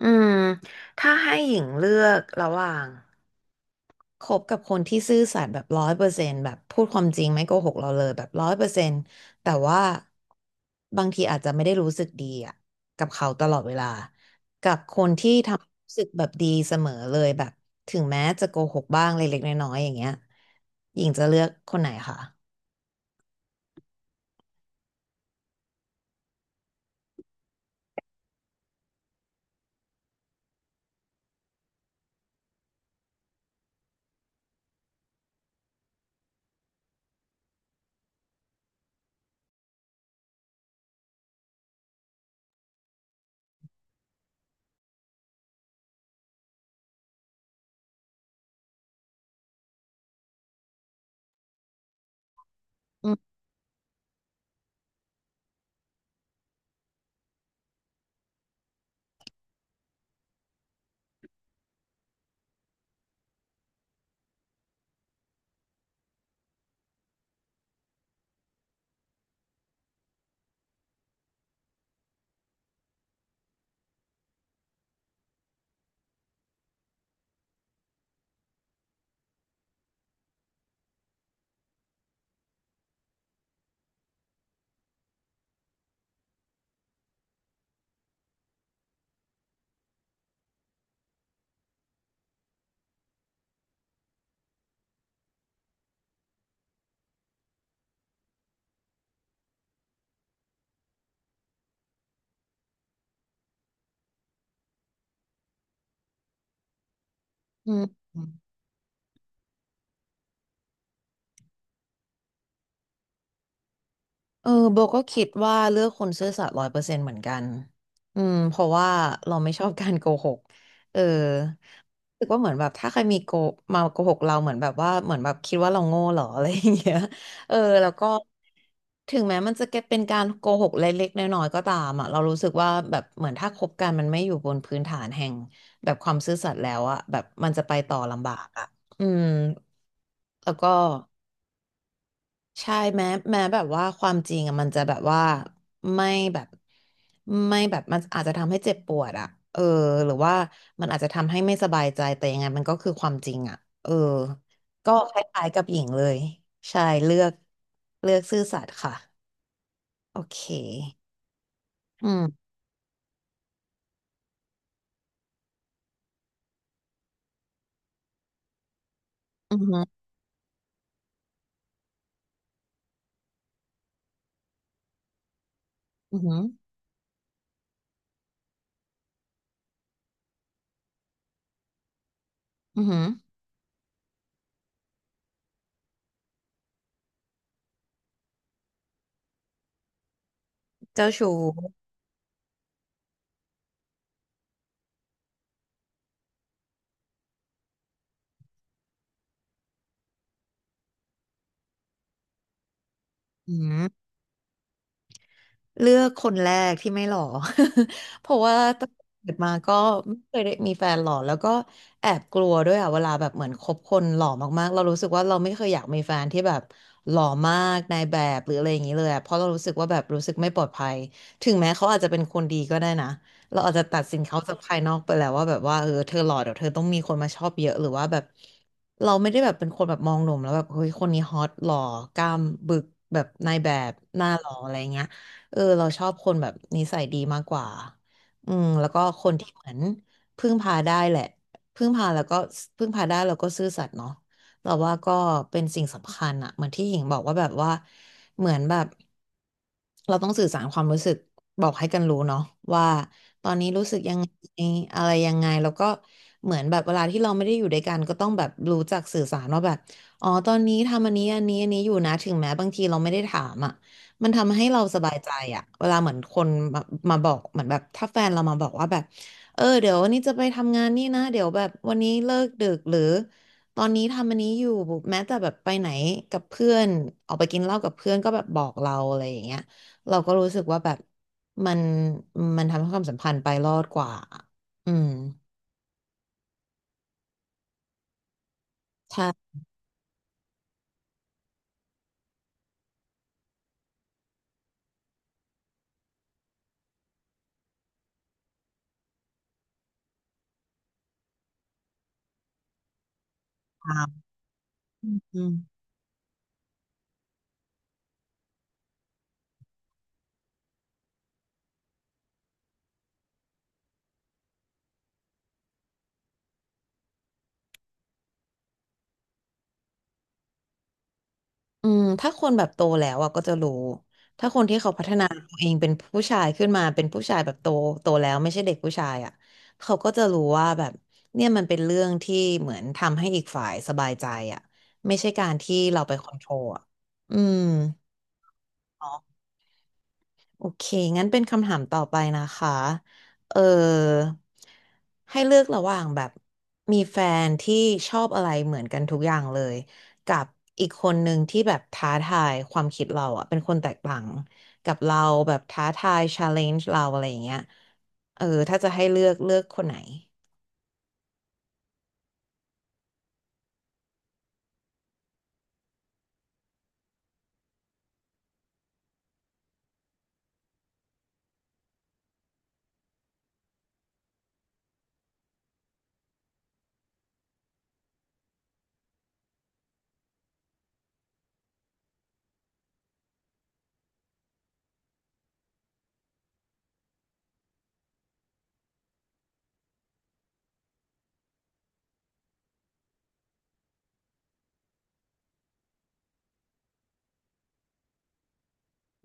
อืมถ้าให้หญิงเลือกระหว่างคบกับคนที่ซื่อสัตย์แบบร้อยเปอร์เซ็นต์แบบพูดความจริงไม่โกหกเราเลยแบบร้อยเปอร์เซ็นต์แต่ว่าบางทีอาจจะไม่ได้รู้สึกดีอ่ะกับเขาตลอดเวลากับคนที่ทำให้รู้สึกแบบดีเสมอเลยแบบถึงแม้จะโกหกบ้างเล็กๆน้อยๆอย่างเงี้ยหญิงจะเลือกคนไหนคะอืมอืม เออโบก็คิดว่าเลือกคนซื่อสัตย์ร้อยเปอร์เซ็นต์เหมือนกันอืมเพราะว่าเราไม่ชอบการโกหกเออรู้สึกว่าเหมือนแบบถ้าใครมีมาโกหกเราเหมือนแบบว่าเหมือนแบบคิดว่าเราโง่เหรอ อะไรอย่างเงี้ยเออแล้วก็ถึงแม้มันจะเป็นการโกหกเล็กๆน้อยๆก็ตามอ่ะเรารู้สึกว่าแบบเหมือนถ้าคบกันมันไม่อยู่บนพื้นฐานแห่งแบบความซื่อสัตย์แล้วอ่ะแบบมันจะไปต่อลำบากอ่ะอืมแล้วก็ ใช่แม้แบบว่าความจริงอะมันจะแบบว่าไม่แบบมันอาจจะทำให้เจ็บปวดอะเออหรือว่ามันอาจจะทำให้ไม่สบายใจแต่ยังไงมันก็คือความจริงอะเออก็คล้ายๆกับหญิงเลยใช่เลือกเลือกซื่อสัตย์ค่ะโอเคอืมอือหืออือหืออือหือเจ้าชู้อืม เลือกคนแรกที่ไม่หล่อ เพราะว่าตั้งแต่เกิดมาก็ไม่เคยได้มีแฟนหล่อแล้วก็แอบกลัวด้วยอ่ะเวลาแบบเหมือนคบคนหล่อมากๆเรารู้สึกว่าเราไม่เคยอยากมีแฟนที่แบบหล่อมากนายแบบหรืออะไรอย่างนี้เลยอะเพราะเรารู้สึกว่าแบบรู้สึกไม่ปลอดภัยถึงแม้เขาอาจจะเป็นคนดีก็ได้นะเราอาจจะตัดสินเขาจากภายนอกไปแล้วว่าแบบว่าเออเธอหล่อเดี๋ยวเธอต้องมีคนมาชอบเยอะหรือว่าแบบเราไม่ได้แบบเป็นคนแบบมองหนุ่มแล้วแบบเฮ้ยคนนี้ฮอตหล่อกล้ามบึกแบบนายแบบหน้าหล่ออะไรเงี้ย เออเราชอบคนแบบนิสัยดีมากกว่า อืมแล้วก็คนที่เหมือนพึ่งพาได้แหละพึ่งพาแล้วก็พึ่งพาได้แล้วก็ซื่อสัตย์เนาะเราว่าก็เป็นสิ่งสำคัญอะเหมือนที่หญิงบอกว่าแบบว่าเหมือนแบบเราต้องสื่อสารความรู้สึกบอกให้กันรู้เนาะว่าตอนนี้รู้สึกยังไงอะไรยังไงแล้วก็เหมือนแบบเวลาที่เราไม่ได้อยู่ด้วยกันก็ต้องแบบรู้จักสื่อสารว่าแบบอ๋อตอนนี้ทำอันนี้อันนี้อันนี้อยู่นะถึงแม้บางทีเราไม่ได้ถามอ่ะ มันทำให้เราสบายใจอะเวลาเหมือนคนมามาบอกเหมือนแบบถ้าแฟนเรามาบอกว่าแบบเออเดี๋ยววันนี้จะไปทำงานนี่นะเดี๋ยวแบบวันนี้เลิกดึกหรือตอนนี้ทำอันนี้อยู่แม้แต่แบบไปไหนกับเพื่อนออกไปกินเหล้ากับเพื่อนก็แบบบอกเราอะไรอย่างเงี้ยเราก็รู้สึกว่าแบบมันมันทำให้ความสัมพันธ์ไปรอดกว่าอืมใช่ตามอืม อืมถ้าคนแบบโตแล้วอ่ะก็จะรู้ถ้าคนที่เขาพัฒนาตัวเองเป็นผู้ชายขึ้นมาเป็นผู้ชายแบบโตโตแล้วไม่ใช่เด็กผู้ชายอ่ะเขาก็จะรู้ว่าแบบเนี่ยมันเป็นเรื่องที่เหมือนทำให้อีกฝ่ายสบายใจอ่ะไม่ใช่การที่เราไปคอนโทรลอ่ะอืม โอเค งั้นเป็นคำถามต่อไปนะคะเออให้เลือกระหว่างแบบมีแฟนที่ชอบอะไรเหมือนกันทุกอย่างเลย กับอีกคนหนึ่งที่แบบท้าทายความคิดเราอะเป็นคนแตกต่างกับเราแบบท้าทาย challenge เราอะไรอย่างเงี้ยเออถ้าจะให้เลือกเลือกคนไหน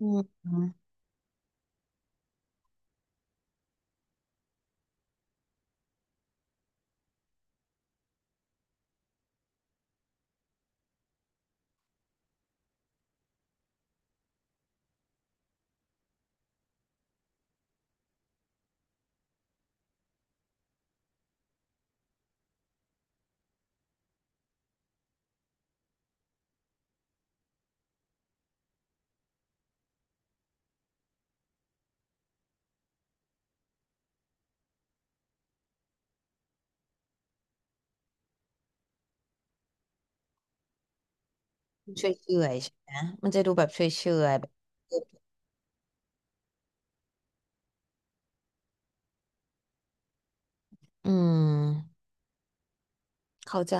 อืมเฉยๆใช่ไหมมันจะดูแบบเฉยๆแบบอืมเข้าใจ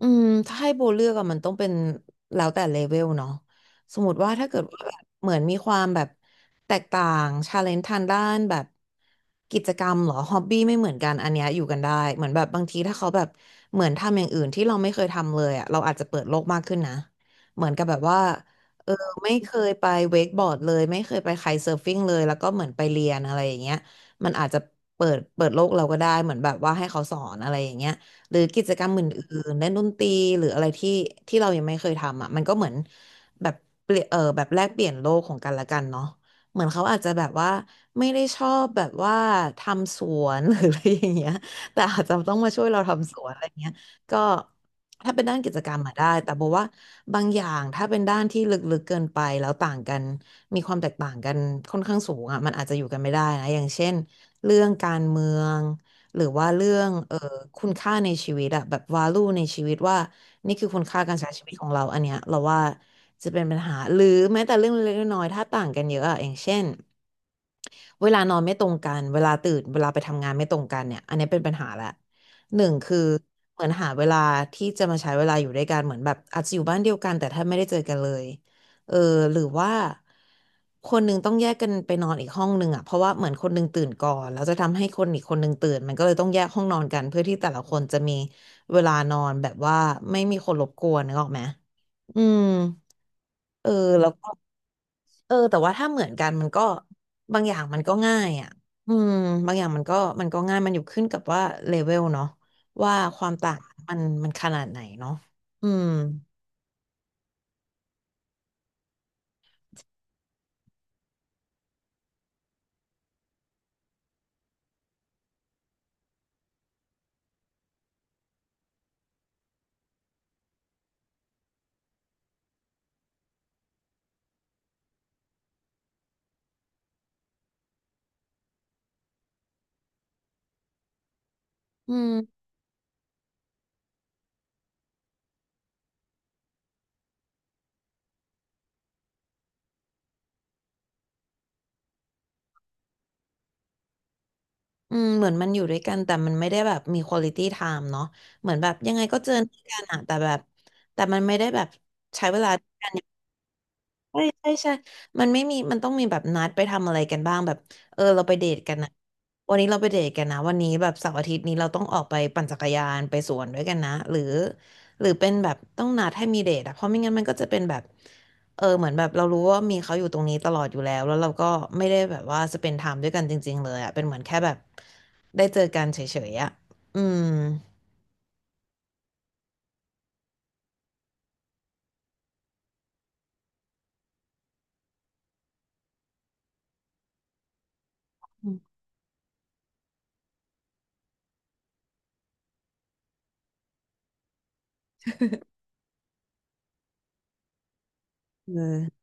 อืมถ้าให้โบเลือกอะมันต้องเป็นแล้วแต่เลเวลเนาะสมมติว่าถ้าเกิดว่าแบบเหมือนมีความแบบแตกต่างชาเลนจ์ทางด้านแบบกิจกรรมเหรอฮอบบี้ไม่เหมือนกันอันเนี้ยอยู่กันได้เหมือนแบบบางทีถ้าเขาแบบเหมือนทำอย่างอื่นที่เราไม่เคยทำเลยอะเราอาจจะเปิดโลกมากขึ้นนะเหมือนกับแบบว่าเออไม่เคยไปเวกบอร์ดเลยไม่เคยไปไคท์เซิร์ฟฟิ้งเลยแล้วก็เหมือนไปเรียนอะไรอย่างเงี้ยมันอาจจะเปิดโลกเราก็ได้เหมือนแบบว่าให้เขาสอนอะไรอย่างเงี้ย หรือกิจกรรมอื่นๆเล่นดนตรีหรืออะไรที่เรายังไม่เคยทำอ่ะมันก็เหมือนแบบเปลี่ยนแบบแลกเปลี่ยนโลกของกันและกันเนาะเหมือนเขาอาจจะแบบว่าไม่ได้ชอบแบบว่าทำสวน หรืออะไรอย่างเงี้ยแต่อาจจะต้องมาช่วยเราทำสวนอะไรเงี้ยก็ถ้าเป็นด้านกิจกรรมอะได้แต่บอกว่าบางอย่างถ้าเป็นด้านที่ลึกๆเกินไปแล้วต่างกันมีความแตกต่างกันค่อนข้างสูงอ่ะมันอาจจะอยู่กันไม่ได้นะอย่างเช่นเรื่องการเมือง หรือว่าเรื่องคุณค่าในชีวิตอะแบบ value ในชีวิตว่านี่คือคุณค่าการใช้ชีวิตของเราอันเนี้ยเราว่าจะเป็นปัญหาหรือแม้แต่เรื่องเล็กๆน้อยๆถ้าต่างกันเยอะอะอย่างเช่น เวลานอนไม่ตรงกันเวลาตื่นเวลาไปทำงานไม่ตรงกันเนี่ยอันนี้เป็นปัญหาละหนึ่งคือเหมือนหาเวลาที่จะมาใช้เวลาอยู่ด้วยกันเหมือนแบบอาจจะอยู่บ้านเดียวกันแต่ถ้าไม่ได้เจอกันเลยเออหรือว่าคนหนึ่งต้องแยกกันไปนอนอีกห้องหนึ่งอ่ะเพราะว่าเหมือนคนหนึ่งตื่นก่อนแล้วจะทำให้คนอีกคนหนึ่งตื่นมันก็เลยต้องแยกห้องนอนกันเพื่อที่แต่ละคนจะมีเวลานอนแบบว่าไม่มีคนรบกวนนึกออกไหมอืมเออแล้วก็ แต่ว่าถ้าเหมือนกันมันก็บางอย่างมันก็ง่ายอ่ะอืมบางอย่างมันก็มันก็ง่ายมันอยู่ขึ้นกับว่าเลเวลเนาะว่าความต่างมันขนาดไหนเนาะอืมอืมอืมเหมือนมันอยู่ด้วยกันแต่มันไม่ได้แบบมีควอลิตี้ไทม์เนาะเหมือนแบบยังไงก็เจอหน้ากันอะแต่แบบแต่มันไม่ได้แบบใช้เวลาด้วยกัน ใช่ใช่ใช่มันไม่มีมันต้องมีแบบนัดไปทำอะไรกันบ้างแบบเออเราไปเดทกันนะวันนี้เราไปเดทกันนะวันนี้แบบเสาร์อาทิตย์นี้เราต้องออกไปปั่นจักรยานไปสวนด้วยกันนะหรือหรือเป็นแบบต้องนัดให้มีเดทอะเพราะไม่งั้นมันก็จะเป็นแบบเออเหมือนแบบเรารู้ว่ามีเขาอยู่ตรงนี้ตลอดอยู่แล้วแล้วเราก็ไม่ได้แบบว่าสเปนไทม์ด้วยกันจริงๆเลยอะเป็นเหมือนแค่แบบได้เจอกันเฉยๆอะอืมอืมออ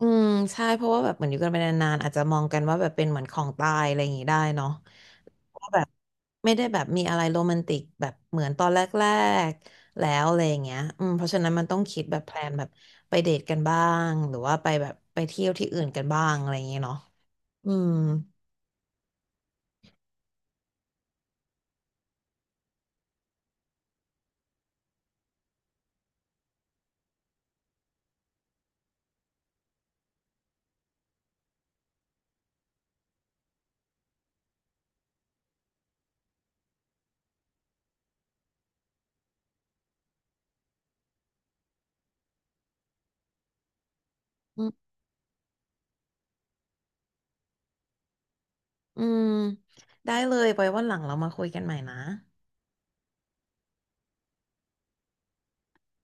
อืมใช่เพราะว่าแบบเหมือนอยู่กันไปนานๆอาจจะมองกันว่าแบบเป็นเหมือนของตายอะไรอย่างงี้ได้เนาะ แบบไม่ได้แบบมีอะไรโรแมนติกแบบเหมือนตอนแรกๆแล้วอะไรอย่างเงี้ยอืมเพราะฉะนั้นมันต้องคิดแบบแพลนแบบไปเดทกันบ้าง หรือว่าไปแบบไปเที่ยวที่อื่นกันบ้างอะไรอย่างเงี้ยเนาะอืมอืมอืม ได้เลยไปวันหลังเรามาคุยกันใหม่นะ